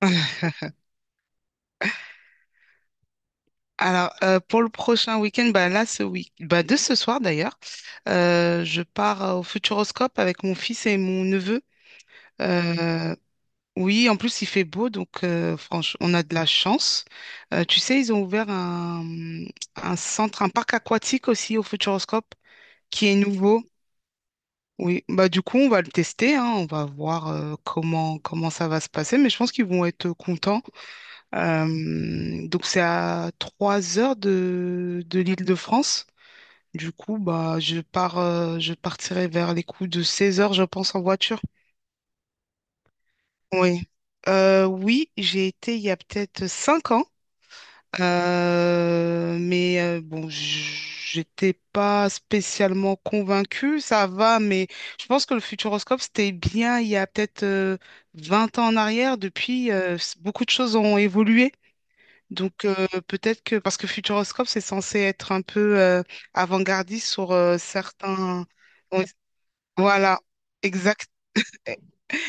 Alors, pour le prochain week-end, bah là, ce week bah de ce soir d'ailleurs, je pars au Futuroscope avec mon fils et mon neveu. Euh, oui, en plus, il fait beau, donc franchement, on a de la chance. Tu sais, ils ont ouvert un centre, un parc aquatique aussi au Futuroscope, qui est nouveau. Oui, bah du coup, on va le tester, hein, on va voir comment ça va se passer, mais je pense qu'ils vont être contents. Donc c'est à 3 heures de l'Île-de-France. Du coup, bah, je partirai vers les coups de 16 heures, je pense, en voiture. Oui. Oui, j'ai été il y a peut-être 5 ans. Mais bon, j'étais pas spécialement convaincue, ça va, mais je pense que le futuroscope, c'était bien il y a peut-être 20 ans en arrière. Depuis, beaucoup de choses ont évolué. Donc peut-être que parce que Futuroscope c'est censé être un peu avant-gardiste sur certains. Oui, voilà, exact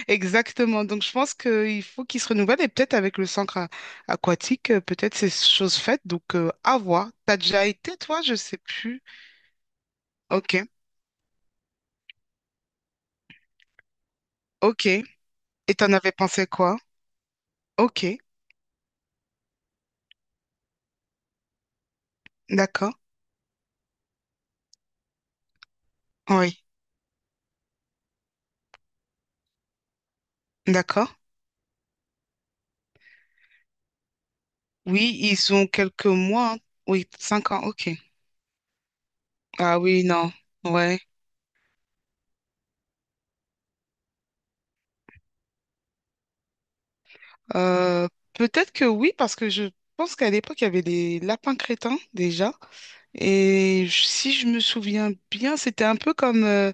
exactement. Donc je pense qu'il faut qu'il se renouvelle, et peut-être avec le centre aquatique, peut-être c'est chose faite, donc à voir. T'as déjà été, toi? Je sais plus. Ok. Ok. Et t'en avais pensé quoi? Ok. D'accord. Oui. D'accord. Oui, ils ont quelques mois, hein. Oui, 5 ans. Ok. Ah oui, non. Ouais. Euh, Peut-être que oui, parce que je pense qu'à l'époque, il y avait les lapins crétins déjà. Si je me souviens bien, c'était un peu comme, euh,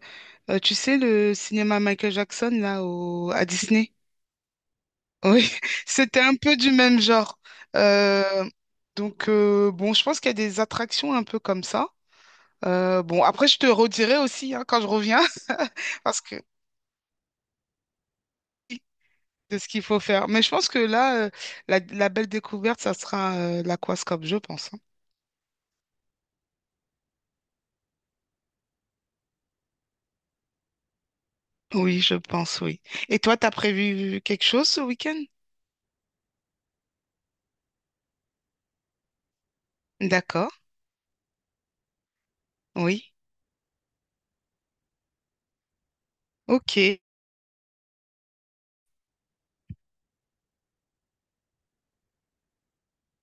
euh, tu sais, le cinéma Michael Jackson, là, à Disney. Oui, c'était un peu du même genre. Euh, donc, bon, je pense qu'il y a des attractions un peu comme ça. Bon, après, je te redirai aussi, hein, quand je reviens. Parce que oui, de ce qu'il faut faire. Mais je pense que là, la belle découverte, ça sera l'aquascope, je pense, hein. Oui, je pense, oui. Et toi, t'as prévu quelque chose ce week-end? D'accord, oui. Ok.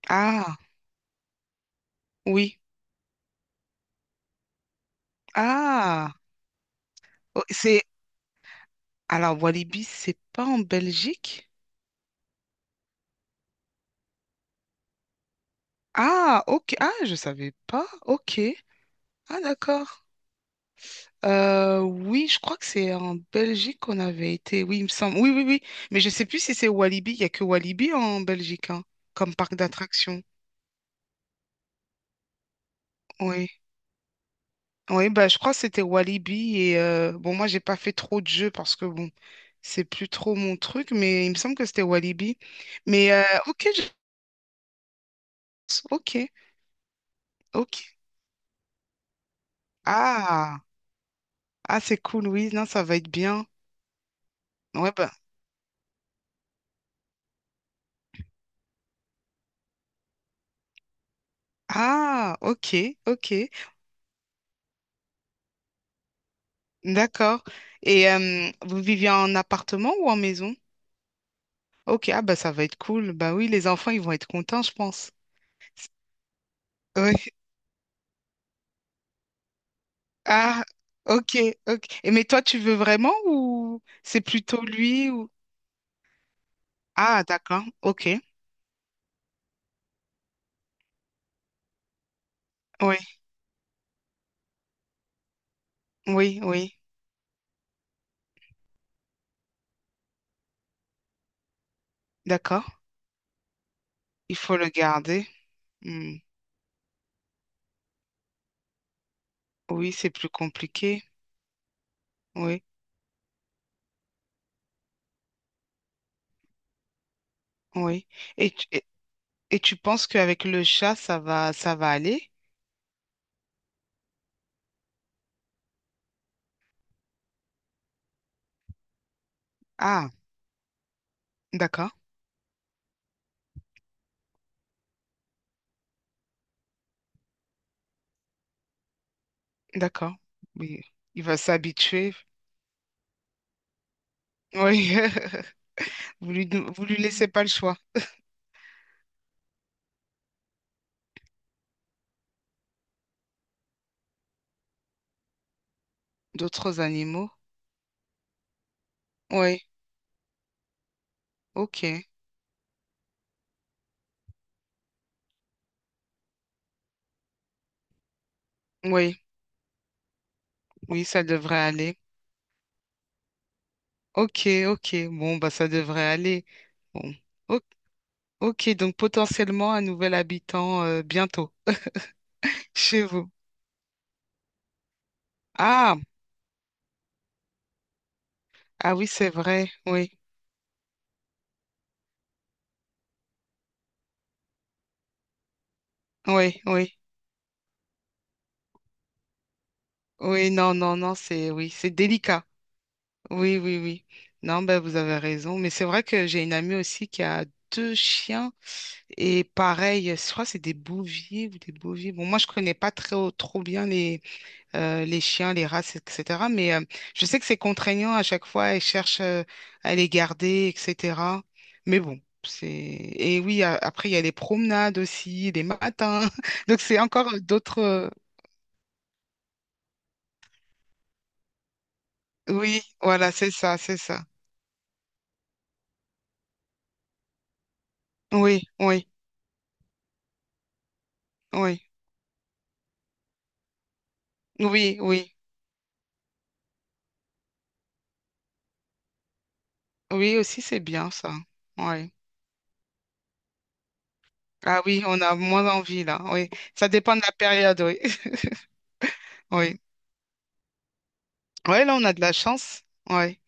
Ah, oui. Ah, oh, c'est... Alors, Walibi, c'est pas en Belgique? Ah, ok. Ah, je savais pas. Ok. Ah, d'accord. Oui, je crois que c'est en Belgique qu'on avait été. Oui, il me semble. Oui, oui, oui. Mais je sais plus si c'est Walibi. Il y a que Walibi en Belgique, hein, comme parc d'attractions. Oui. Oui, bah, je crois que c'était Walibi. Et bon, moi, j'ai pas fait trop de jeux parce que bon, c'est plus trop mon truc, mais il me semble que c'était Walibi. Mais ok. Ok, ok. Ah, ah, c'est cool. Oui, non, ça va être bien. Ouais, bah, ah, ok, ok, d'accord. Et vous viviez en appartement ou en maison? Ok, ah, bah, ça va être cool. Bah oui, les enfants, ils vont être contents, je pense. Ouais. Ah, ok, ok. Et mais toi, tu veux vraiment, ou c'est plutôt lui ou... Ah, d'accord. Ok. Oui, oui, oui. D'accord. Il faut le garder. Hmm. Oui, c'est plus compliqué. Oui, oui. Et, tu- et, et tu penses qu'avec le chat, ça va aller? Ah, d'accord, d'accord. Oui. Il va s'habituer. Oui. Vous lui laissez pas le choix. D'autres animaux? Oui. Ok. Oui, oui, ça devrait aller. Ok, ok. Bon, bah, ça devrait aller. Bon. Ok, donc potentiellement un nouvel habitant bientôt chez vous. Ah, ah oui, c'est vrai. Oui, oui, oui, oui. Non, non, non, c'est oui, c'est délicat. Oui, oui, oui. Non, ben vous avez raison. Mais c'est vrai que j'ai une amie aussi qui a deux chiens, et pareil, je crois que c'est des bouviers ou des bouviers. Bon, moi je connais pas très trop bien les chiens, les races, etc. Mais je sais que c'est contraignant à chaque fois, ils cherchent à les garder, etc. Mais bon, c'est... Et oui, après, il y a les promenades aussi, les matins. Donc, c'est encore d'autres... Oui, voilà, c'est ça, c'est ça. Oui, oui, oui. Oui, oui. Oui, aussi, c'est bien ça. Oui. Ah oui, on a moins envie là. Oui. Ça dépend de la période, oui. Oui. Oui, là, on a de la chance. Oui.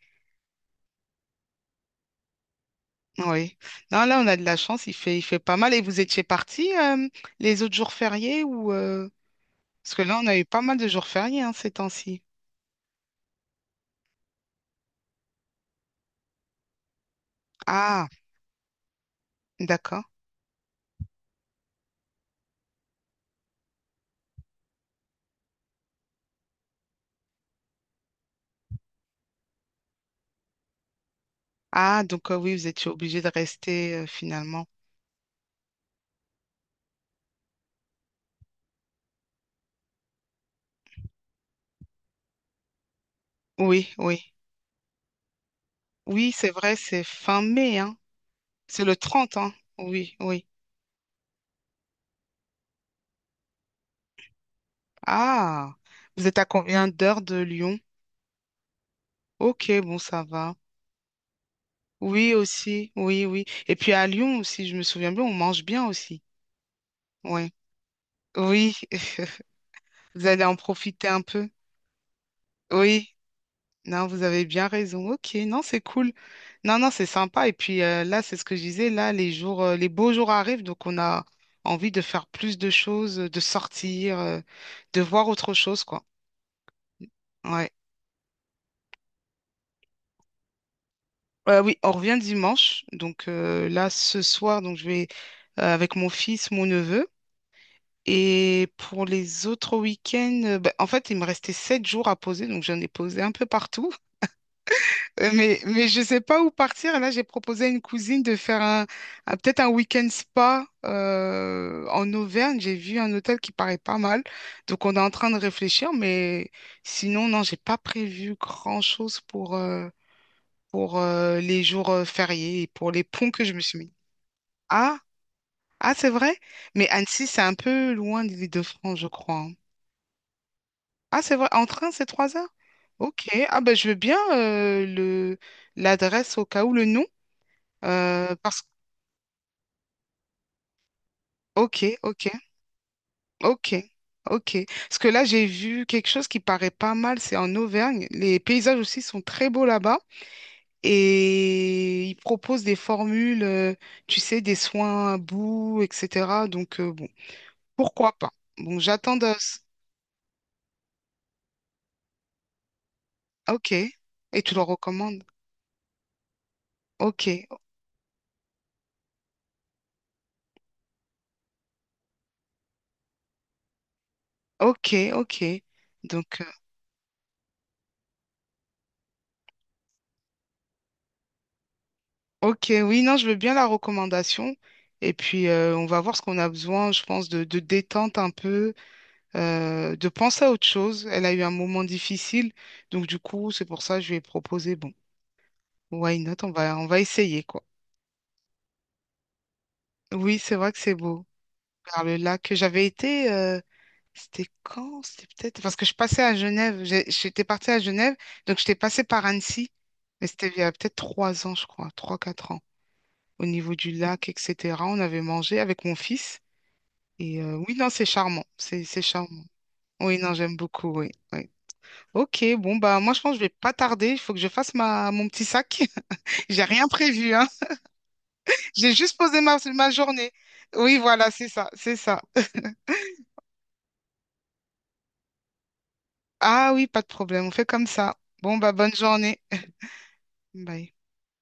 Oui. Non, là, on a de la chance, il fait pas mal. Et vous étiez partis les autres jours fériés, ou parce que là, on a eu pas mal de jours fériés, hein, ces temps-ci. Ah, d'accord. Ah, donc oui, vous étiez obligé de rester finalement. Oui, oui. Oui, c'est vrai, c'est fin mai, hein. C'est le 30, hein. Oui, oui. Ah, vous êtes à combien d'heures de Lyon? Ok, bon, ça va. Oui, aussi, oui, oui. Et puis à Lyon aussi, je me souviens bien, on mange bien aussi. Oui. Oui, vous allez en profiter un peu. Oui, non, vous avez bien raison. Ok, non, c'est cool. Non, non, c'est sympa. Et puis là, c'est ce que je disais, là, les beaux jours arrivent, donc on a envie de faire plus de choses, de sortir, de voir autre chose, quoi. Ouais. Oui, on revient dimanche. Donc là, ce soir, donc je vais avec mon fils, mon neveu. Et pour les autres week-ends, bah, en fait, il me restait 7 jours à poser, donc j'en ai posé un peu partout. Mais je ne sais pas où partir. Là, j'ai proposé à une cousine de faire peut-être un week-end spa en Auvergne. J'ai vu un hôtel qui paraît pas mal. Donc, on est en train de réfléchir. Mais sinon, non, j'ai pas prévu grand-chose pour les jours fériés et pour les ponts que je me suis mis. Ah, ah, c'est vrai? Mais Annecy, c'est un peu loin de l'Île-de-France, je crois, hein. Ah, c'est vrai. En train, c'est 3 heures? Ok. Ah, ben, je veux bien l'adresse au cas où, le nom. Parce Ok, ok, ok, ok. Parce que là, j'ai vu quelque chose qui paraît pas mal, c'est en Auvergne. Les paysages aussi sont très beaux là-bas, et ils proposent des formules, tu sais, des soins à bout, etc. Donc, bon, pourquoi pas? Bon, j'attends de... Ok, et tu le recommandes? Ok, ok, ok. Donc, ok, oui, non, je veux bien la recommandation. Et puis, on va voir ce qu'on a besoin, je pense, de détente un peu. De penser à autre chose. Elle a eu un moment difficile, donc du coup, c'est pour ça que je lui ai proposé, bon, why not, on va essayer, quoi. Oui, c'est vrai que c'est beau. Vers le lac, j'avais été, c'était quand? C'était peut-être, parce que je passais à Genève. J'étais partie à Genève, donc j'étais passée par Annecy, mais c'était il y a peut-être 3 ans, je crois, trois, quatre ans, au niveau du lac, etc. On avait mangé avec mon fils, et oui, non, c'est charmant, c'est charmant. Oui, non, j'aime beaucoup, oui. Oui. Ok, bon bah moi je pense que je vais pas tarder, il faut que je fasse ma mon petit sac. J'ai rien prévu, hein. J'ai juste posé ma journée. Oui, voilà, c'est ça, c'est ça. Ah oui, pas de problème, on fait comme ça. Bon bah bonne journée. Bye.